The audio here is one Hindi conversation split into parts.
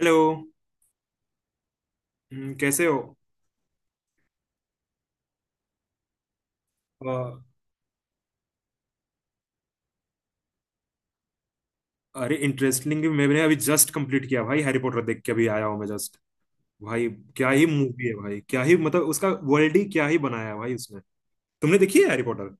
हेलो। कैसे हो? अ, अरे इंटरेस्टिंग, मैंने अभी जस्ट कंप्लीट किया भाई। हैरी पॉटर देख के अभी आया हूँ मैं जस्ट। भाई क्या ही मूवी है भाई, क्या ही, मतलब उसका वर्ल्ड ही क्या ही बनाया है भाई उसने। तुमने देखी है हैरी पॉटर?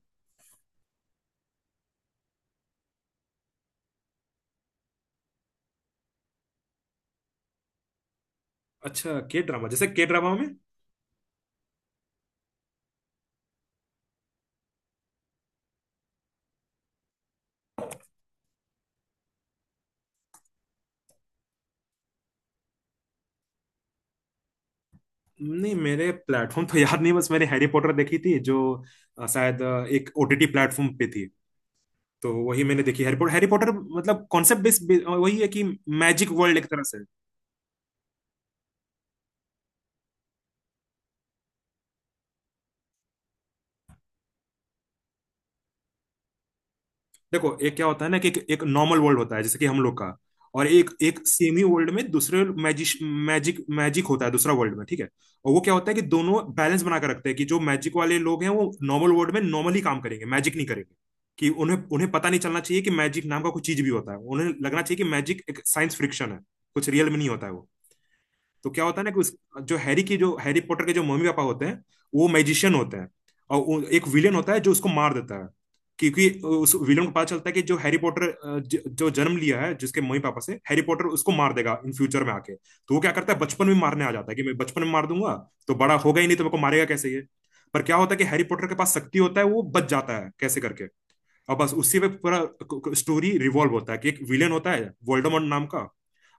अच्छा के ड्रामा, जैसे के ड्रामा में? नहीं, मेरे प्लेटफॉर्म तो याद नहीं। बस मैंने हैरी पॉटर देखी थी जो शायद एक ओटीटी प्लेटफॉर्म पे थी। तो वही मैंने देखी। हैरी पॉटर, हैरी पॉटर मतलब कॉन्सेप्ट बेस्ड वही है कि मैजिक वर्ल्ड एक तरह से। देखो, एक क्या होता है ना कि एक नॉर्मल वर्ल्ड होता है जैसे कि हम लोग का। और एक एक सेमी वर्ल्ड में दूसरे मैजिक मैजिक मैजिक होता है, दूसरा वर्ल्ड में। ठीक है। और वो क्या होता है कि दोनों बैलेंस बना कर रखते हैं कि जो मैजिक वाले लोग हैं वो नॉर्मल वर्ल्ड में नॉर्मली काम करेंगे, मैजिक नहीं करेंगे। कि उन्हें उन्हें पता नहीं चलना चाहिए कि मैजिक नाम का कुछ चीज भी होता है। उन्हें लगना चाहिए कि मैजिक एक साइंस फ्रिक्शन है, कुछ रियल में नहीं होता है वो। तो क्या होता है ना कि उस जो हैरी पॉटर के जो मम्मी पापा होते हैं, वो मैजिशियन होते हैं। और एक विलेन होता है जो उसको मार देता है। क्योंकि उस विलेन को पता चलता है कि जो हैरी पॉटर जो जन्म लिया है जिसके मम्मी पापा से, हैरी पॉटर उसको मार देगा इन फ्यूचर में आके। तो वो क्या करता है, बचपन में मारने आ जाता है कि मैं बचपन में मार दूंगा, तो बड़ा होगा ही नहीं तो मेरे को मारेगा कैसे ये। पर क्या होता है कि हैरी पॉटर के पास शक्ति होता है, वो बच जाता है कैसे करके। और बस उसी पे पूरा स्टोरी रिवॉल्व होता है कि एक विलेन होता है वोल्डेमॉर्ट नाम का।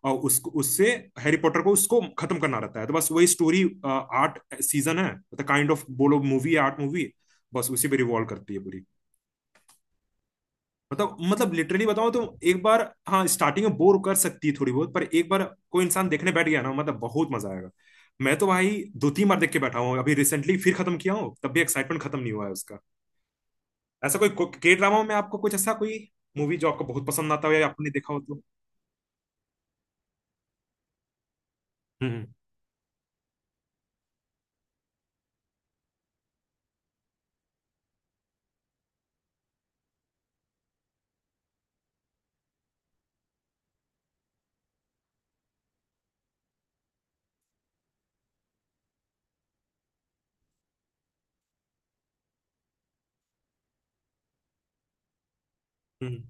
और उसको उससे हैरी पॉटर को उसको खत्म करना रहता है। तो बस वही स्टोरी। 8 सीजन है, मतलब काइंड ऑफ बोलो मूवी है, 8 मूवी। बस उसी पे रिवॉल्व करती है पूरी। मतलब लिटरली बताओ तो, एक बार, हाँ, स्टार्टिंग में बोर कर सकती है थोड़ी बहुत, पर एक बार कोई इंसान देखने बैठ गया ना, मतलब बहुत मजा आएगा। मैं तो भाई दो तीन बार देख के बैठा हूँ, अभी रिसेंटली फिर खत्म किया हूँ, तब भी एक्साइटमेंट खत्म नहीं हुआ है उसका। ऐसा कोई के ड्रामा में आपको कुछ ऐसा कोई मूवी जो आपको बहुत पसंद आता हो या आपने देखा हो तो? हम्म। हम्म।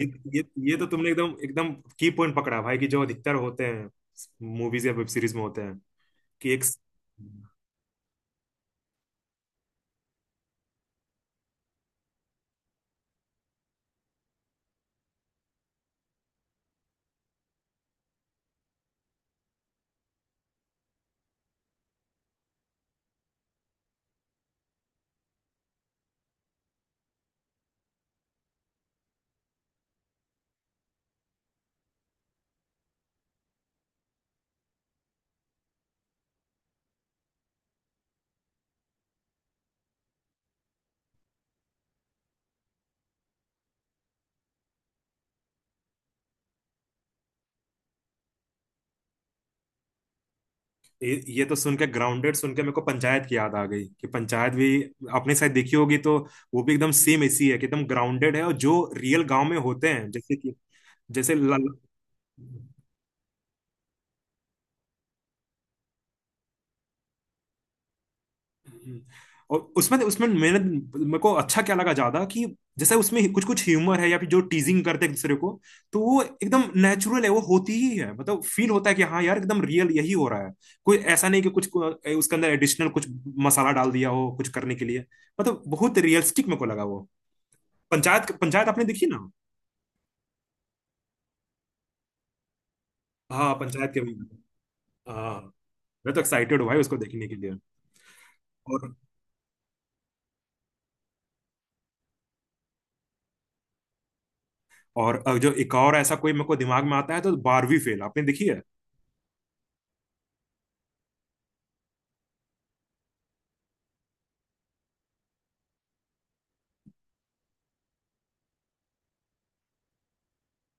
ये ये ये तो तुमने एकदम एकदम की पॉइंट पकड़ा भाई, कि जो अधिकतर होते हैं मूवीज या वेब सीरीज में होते हैं, कि एक... ये तो सुन के ग्राउंडेड, सुन के मेरे को पंचायत की याद आ गई कि पंचायत भी आपने शायद देखी होगी तो? वो भी एकदम सेम ऐसी है कि एकदम ग्राउंडेड है, और जो रियल गांव में होते हैं जैसे कि, जैसे ल, हम्म। और उसमें उसमें मैंने मेरे को अच्छा क्या लगा ज्यादा कि जैसे उसमें कुछ कुछ ह्यूमर है या फिर जो टीजिंग करते हैं एक दूसरे को, तो वो एकदम नेचुरल है। वो होती ही है, मतलब फील होता है कि हाँ यार, एकदम रियल यही हो रहा है। कोई ऐसा नहीं कि उसके अंदर एडिशनल कुछ मसाला डाल दिया हो कुछ करने के लिए। मतलब बहुत रियलिस्टिक मेरे को लगा वो। पंचायत, पंचायत आपने देखी ना? हाँ पंचायत के भी। हाँ। मैं तो एक्साइटेड हूँ भाई उसको देखने के लिए। और जो एक और ऐसा कोई मेरे को दिमाग में आता है तो 12वीं फेल, आपने देखी है?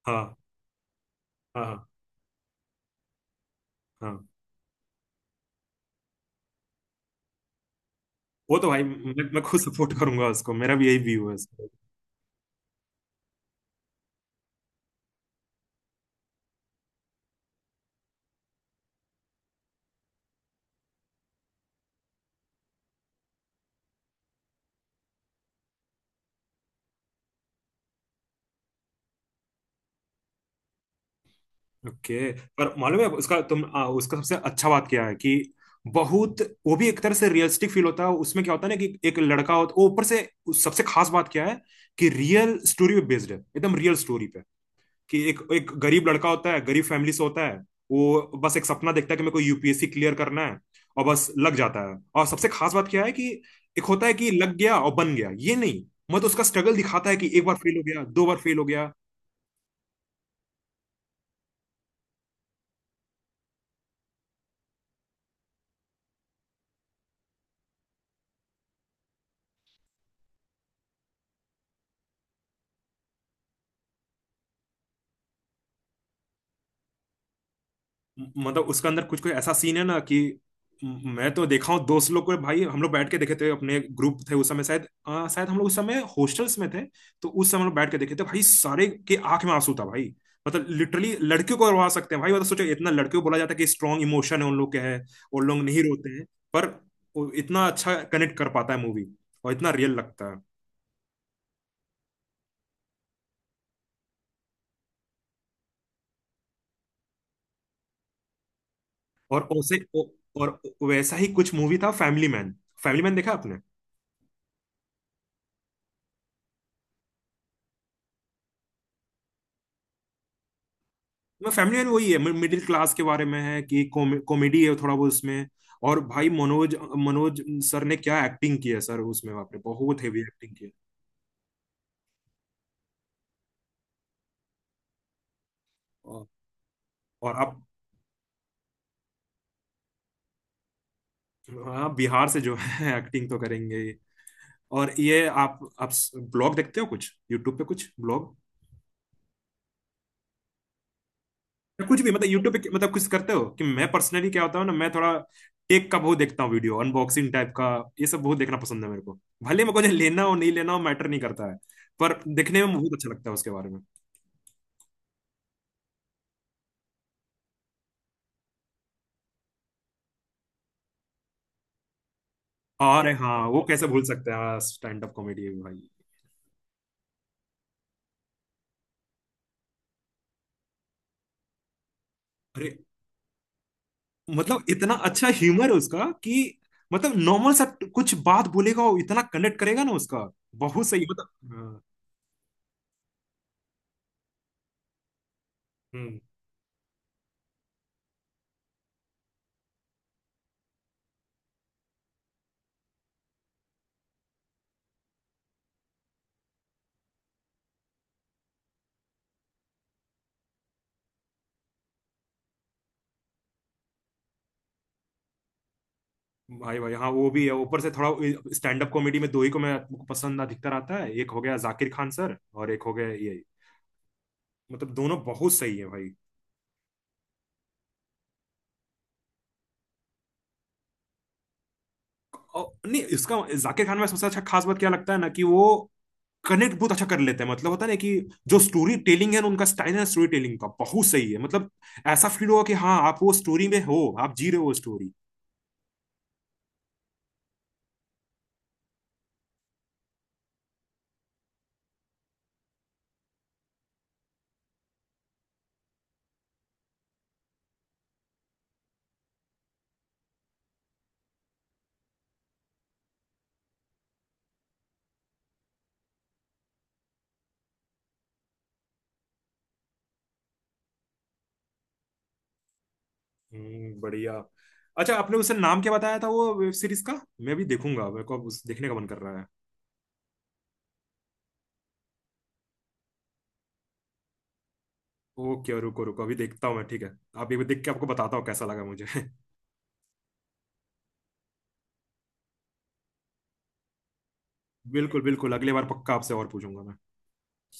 हाँ। हाँ। हाँ, वो तो भाई मैं खुद सपोर्ट करूंगा उसको, मेरा भी यही व्यू है उसको। ओके। पर मालूम है उसका सबसे अच्छा बात क्या है कि, बहुत, वो भी एक तरह से रियलिस्टिक फील होता है। उसमें क्या होता है ना कि एक लड़का होता वो ऊपर से, उस सबसे खास बात क्या है कि रियल स्टोरी पे बेस्ड है, एकदम रियल स्टोरी। कि एक एक गरीब लड़का होता है, गरीब फैमिली से होता है। वो बस एक सपना देखता है कि मेरे को यूपीएससी क्लियर करना है, और बस लग जाता है। और सबसे खास बात क्या है कि एक होता है कि लग गया और बन गया, ये नहीं। मतलब उसका स्ट्रगल दिखाता है कि एक बार फेल हो गया, दो बार फेल हो गया। मतलब उसका अंदर कुछ कुछ ऐसा सीन है ना कि, मैं तो देखा हूँ दोस्त लोग को भाई, हम लोग बैठ के देखे थे। अपने ग्रुप थे उस समय, शायद शायद हम लोग उस समय हॉस्टल्स में थे। तो उस समय हम लोग बैठ के देखे थे भाई, सारे के आंख में आंसू था भाई। मतलब लिटरली लड़कियों को रोवा सकते हैं भाई, मतलब सोचो इतना। लड़कियों को बोला जाता है कि स्ट्रांग इमोशन है उन लोग के, है। और लोग नहीं रोते हैं, पर वो इतना अच्छा कनेक्ट कर पाता है मूवी, और इतना रियल लगता है। और उसे और वैसा ही कुछ मूवी था, फैमिली मैन। फैमिली मैन देखा आपने? मैं फैमिली मैन वही है, मिडिल क्लास के बारे में है, कि कॉमेडी है थोड़ा बहुत उसमें। और भाई मनोज मनोज सर ने क्या एक्टिंग की है सर उसमें, बाप रे बहुत हेवी एक्टिंग की है। और आप, हाँ बिहार से जो है एक्टिंग तो करेंगे ही। और ये आप ब्लॉग देखते हो कुछ यूट्यूब पे, कुछ ब्लॉग या कुछ भी, मतलब यूट्यूब पे मतलब कुछ करते हो? कि मैं पर्सनली क्या होता हूँ ना, मैं थोड़ा टेक का बहुत देखता हूँ वीडियो, अनबॉक्सिंग टाइप का, ये सब बहुत देखना पसंद है मेरे को। भले मेरे को जो लेना हो नहीं लेना हो मैटर नहीं करता है, पर देखने में बहुत अच्छा लगता है उसके बारे में। अरे हाँ, वो कैसे भूल सकते हैं, स्टैंड अप कॉमेडी है भाई। अरे, मतलब इतना अच्छा ह्यूमर है उसका कि मतलब नॉर्मल सा कुछ बात बोलेगा, वो इतना कनेक्ट करेगा ना उसका, बहुत सही मतलब। हाँ, हम्म। भाई भाई, हाँ वो भी है ऊपर से थोड़ा। स्टैंड अप कॉमेडी में दो ही को मैं आपको पसंद अधिकतर आता है, एक हो गया जाकिर खान सर और एक हो गया ये। मतलब दोनों बहुत सही है भाई। और नहीं इसका, जाकिर खान में सबसे अच्छा खास बात क्या लगता है ना, कि वो कनेक्ट बहुत अच्छा कर लेते हैं। मतलब होता है ना कि जो स्टोरी टेलिंग है ना, उनका स्टाइल है स्टोरी टेलिंग का बहुत सही है मतलब। ऐसा फील होगा कि हाँ आप वो स्टोरी में हो, आप जी रहे हो वो स्टोरी। हम्म, बढ़िया। अच्छा आपने उसे नाम क्या बताया था वो वेब सीरीज का? मैं भी देखूंगा, मेरे को अब उस देखने का मन कर रहा है। ओके, रुको रुको अभी देखता हूँ मैं, ठीक है। आप एक बार देख के आपको बताता हूँ कैसा लगा मुझे। बिल्कुल बिल्कुल, अगली बार पक्का आपसे और पूछूंगा मैं।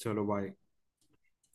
चलो बाय।